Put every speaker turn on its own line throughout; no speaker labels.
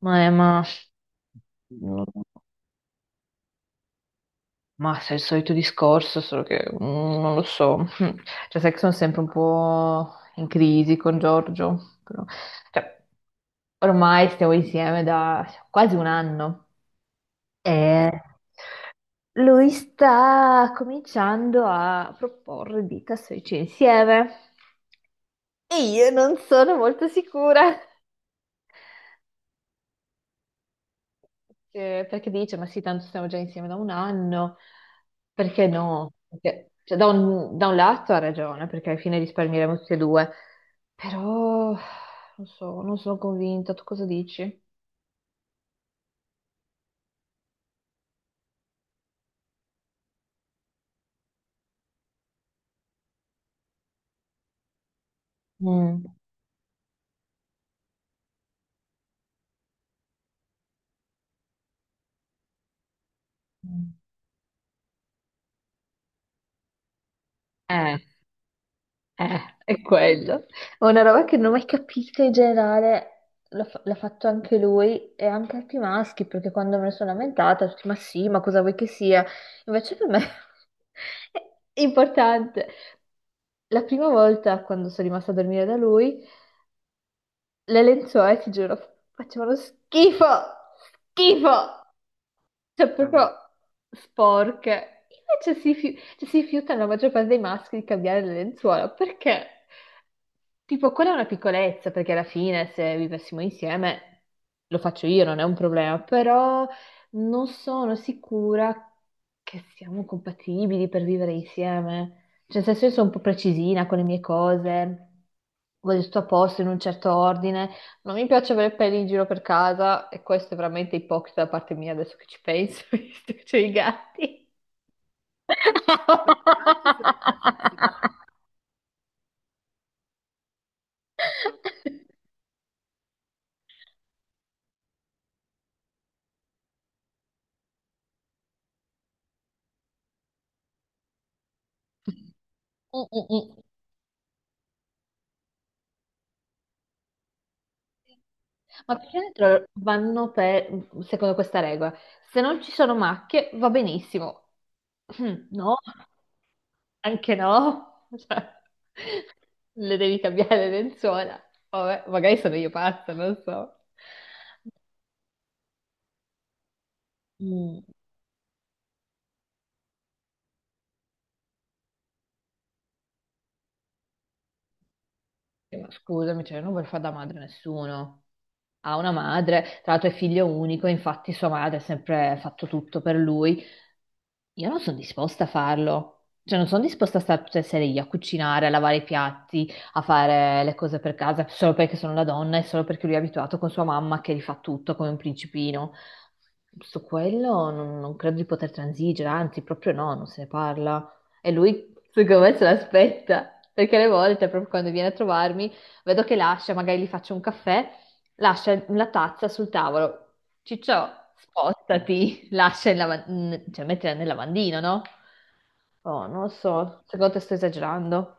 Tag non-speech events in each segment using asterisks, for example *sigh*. Ma, è- ma, ma se è il solito discorso, solo che non lo so. *laughs* Cioè, sai che sono sempre un po' in crisi con Giorgio. Cioè, Ormai stiamo insieme da quasi un anno e lui sta cominciando a proporre di trasferirci insieme. E io non sono molto sicura. Perché dice, ma sì, tanto stiamo già insieme da un anno, perché no? Cioè, da un lato ha ragione, perché alla fine risparmieremo tutti e due, però non so, non sono convinta, tu cosa dici? Mm. Mm. Eh, è quello. È una roba che non ho mai capito in generale, l'ha fatto anche lui e anche altri maschi, perché quando me ne sono lamentata, tutti, ma sì, ma cosa vuoi che sia? Invece per me *laughs* è importante. La prima volta, quando sono rimasta a dormire da lui, le lenzuola, ti giuro, facevano schifo, schifo. Cioè, proprio sporche. Invece si, cioè, si rifiuta la maggior parte dei maschi di cambiare le lenzuola perché, tipo, quella è una piccolezza, perché alla fine se vivessimo insieme lo faccio io, non è un problema, però non sono sicura che siamo compatibili per vivere insieme. Cioè, nel senso, io sono un po' precisina con le mie cose, voglio tutto a posto in un certo ordine. Non mi piace avere peli in giro per casa e questo è veramente ipocrita da parte mia adesso che ci penso, *laughs* visto che c'ho i gatti. I gatti sono ipocrita. Mm, mm, mm. Ma più che altro vanno per, secondo questa regola, se non ci sono macchie va benissimo. Mm, no, anche no. Cioè, le devi cambiare le lenzuola. Vabbè, magari sono io pazza, non so. Mm, sì, ma scusami, cioè, non vuol fare da madre a nessuno. Ha una madre, tra l'altro è figlio unico, infatti sua madre ha sempre fatto tutto per lui. Io non sono disposta a farlo, cioè non sono disposta a stare tutte le sere io a cucinare, a lavare i piatti, a fare le cose per casa, solo perché sono la donna e solo perché lui è abituato con sua mamma che rifà tutto come un principino. Su quello non credo di poter transigere, anzi, proprio no, non se ne parla. E lui, secondo me, se l'aspetta, perché le volte, proprio quando viene a trovarmi, vedo che lascia, magari gli faccio un caffè lascia la tazza sul tavolo. Ciccio, spostati, lascia il lava- n- cioè mettila nel lavandino, no? Oh, non lo so, secondo te sto esagerando.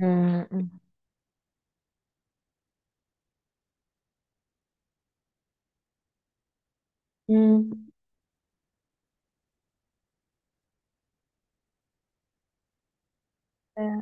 Mm, mm, mm. Eh.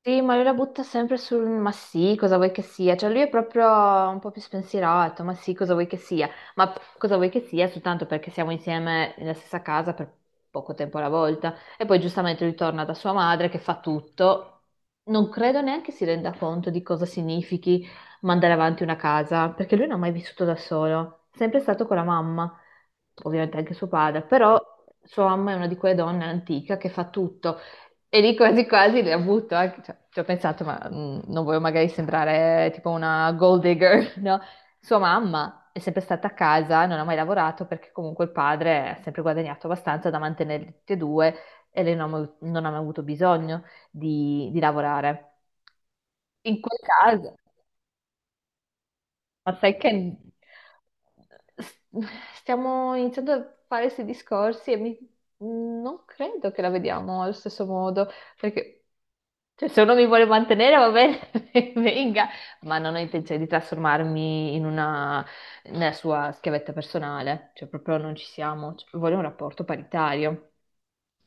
Sì, ma lui la butta sempre sul ma sì, cosa vuoi che sia? Cioè lui è proprio un po' più spensierato, ma sì, cosa vuoi che sia? Cosa vuoi che sia? Soltanto perché siamo insieme nella stessa casa per poco tempo alla volta. E poi giustamente lui torna da sua madre che fa tutto. Non credo neanche si renda conto di cosa significhi mandare avanti una casa, perché lui non ha mai vissuto da solo, è sempre stato con la mamma, ovviamente anche suo padre, però sua mamma è una di quelle donne antica che fa tutto. E lì quasi quasi le ha avuto, cioè, ci ho pensato, ma non voglio magari sembrare tipo una gold digger, *laughs* no? Sua mamma è sempre stata a casa, non ha mai lavorato perché comunque il padre ha sempre guadagnato abbastanza da mantenerli tutti e due e lei non ha mai avuto bisogno di lavorare. In quel caso, ma sai che s- stiamo iniziando a fare questi discorsi e non credo che la vediamo allo stesso modo, perché cioè, se uno mi vuole mantenere va bene, *laughs* venga, ma non ho intenzione di nella sua schiavetta personale, cioè proprio non ci siamo. Cioè, voglio un rapporto paritario.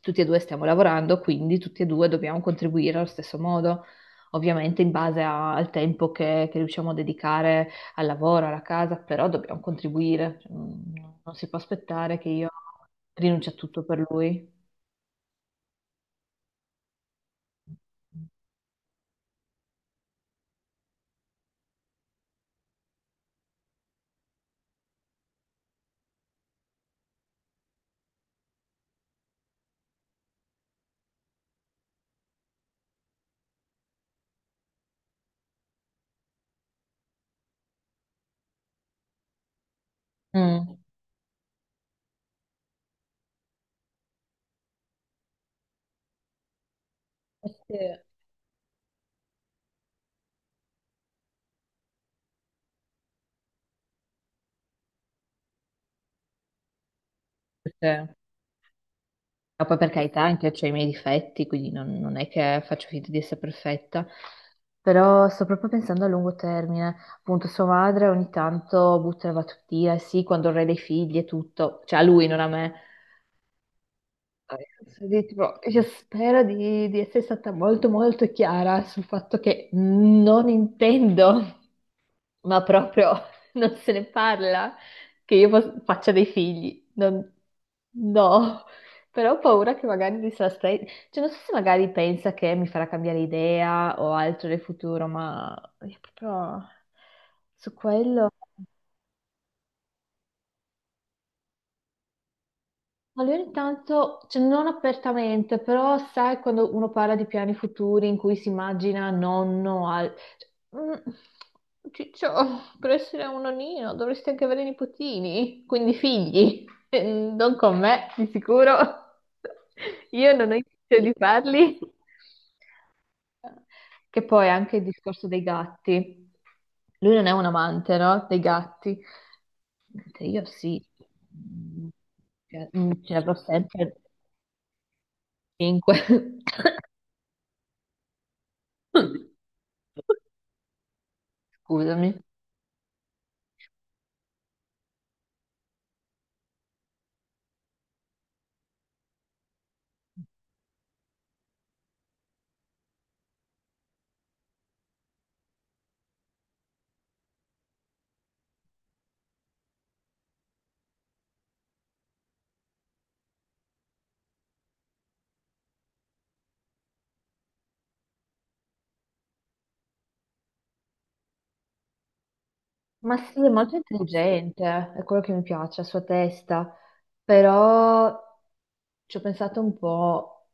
Tutti e due stiamo lavorando, quindi tutti e due dobbiamo contribuire allo stesso modo, ovviamente in base al tempo che riusciamo a dedicare al lavoro, alla casa, però dobbiamo contribuire, cioè, non si può aspettare che io rinunci a tutto per lui. Mm. Eh sì, perché- ma poi per carità anche ho i miei difetti, quindi non è che faccio finta di essere perfetta, però sto proprio pensando a lungo termine. Appunto, sua madre ogni tanto butta la battutia, sì, quando avrei dei figli e tutto, cioè a lui, non a me. Sì, tipo, io spero di essere stata molto molto chiara sul fatto che non intendo, ma proprio *laughs* non se ne parla, che io faccia dei figli. No, però ho paura che magari cioè, non so se magari pensa che mi farà cambiare idea o altro nel futuro, ma io proprio su quello. Allora, intanto, cioè, non apertamente, però sai quando uno parla di piani futuri in cui si immagina nonno al... cioè, Ciccio, per essere un nonnino dovresti anche avere nipotini, quindi figli. Non con me, di sicuro. Io non ho intenzione di farli. Che poi anche il discorso dei gatti. Lui non è un amante, no? Dei gatti. Mentre io sì, mm, ce l'avrò sempre 5. *coughs* *laughs* Scusami. Ma sì, è molto intelligente, è quello che mi piace, la sua testa. Però ci ho pensato un po',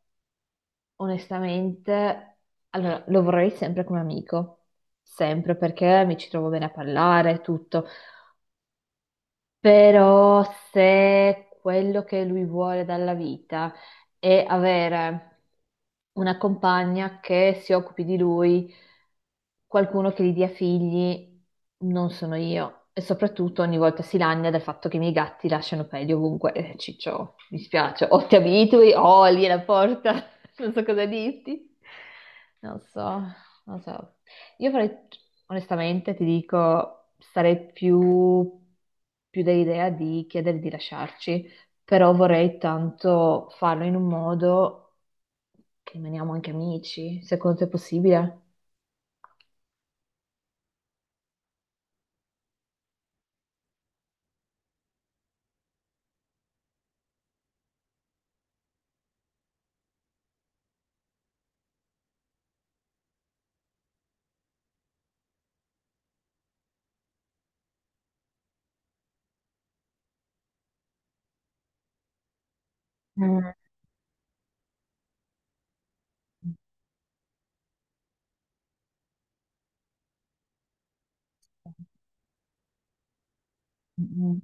onestamente. Allora, lo vorrei sempre come amico, sempre perché mi ci trovo bene a parlare, tutto. Però se quello che lui vuole dalla vita è avere una compagna che si occupi di lui, qualcuno che gli dia figli, non sono io. E soprattutto ogni volta si lagna del fatto che i miei gatti lasciano peli ovunque. Ciccio, mi spiace, o ti abitui o lì è la porta, *laughs* non so cosa dirti. Non so, non so. Io farei, onestamente, ti dico, sarei più dell'idea di chiedere di lasciarci, però vorrei tanto farlo in un modo che rimaniamo anche amici, secondo te è possibile? Mm. Mm.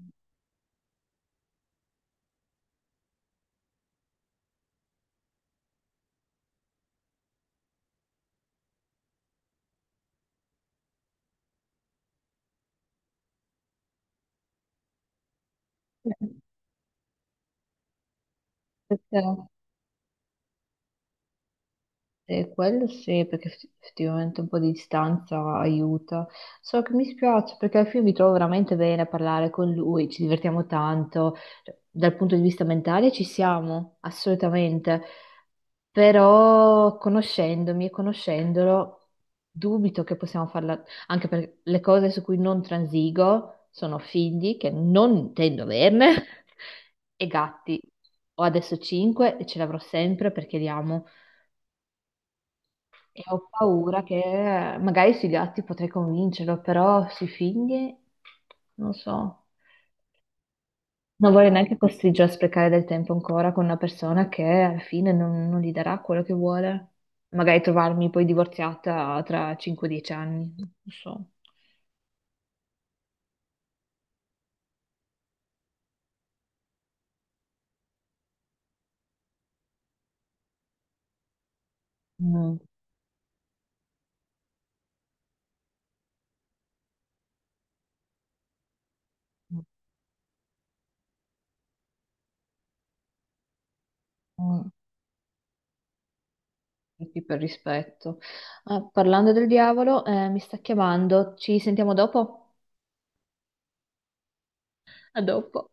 Perché? E quello sì, perché effettivamente un po' di distanza aiuta. So che mi spiace perché al fine mi trovo veramente bene a parlare con lui, ci divertiamo tanto. Cioè, dal punto di vista mentale ci siamo, assolutamente. Però conoscendomi e conoscendolo, dubito che possiamo farla, anche perché le cose su cui non transigo sono figli, che non intendo averne, *laughs* e gatti. Ho adesso 5 e ce l'avrò sempre perché li amo. E ho paura che magari sui gatti potrei convincerlo, però sui figli non so. Non vorrei neanche costringerlo a sprecare del tempo ancora con una persona che alla fine non gli darà quello che vuole. Magari trovarmi poi divorziata tra 5-10 anni, non so. Mm, mm, mm, sì, per rispetto. Ah, parlando del diavolo, mi sta chiamando. Ci sentiamo dopo? A dopo.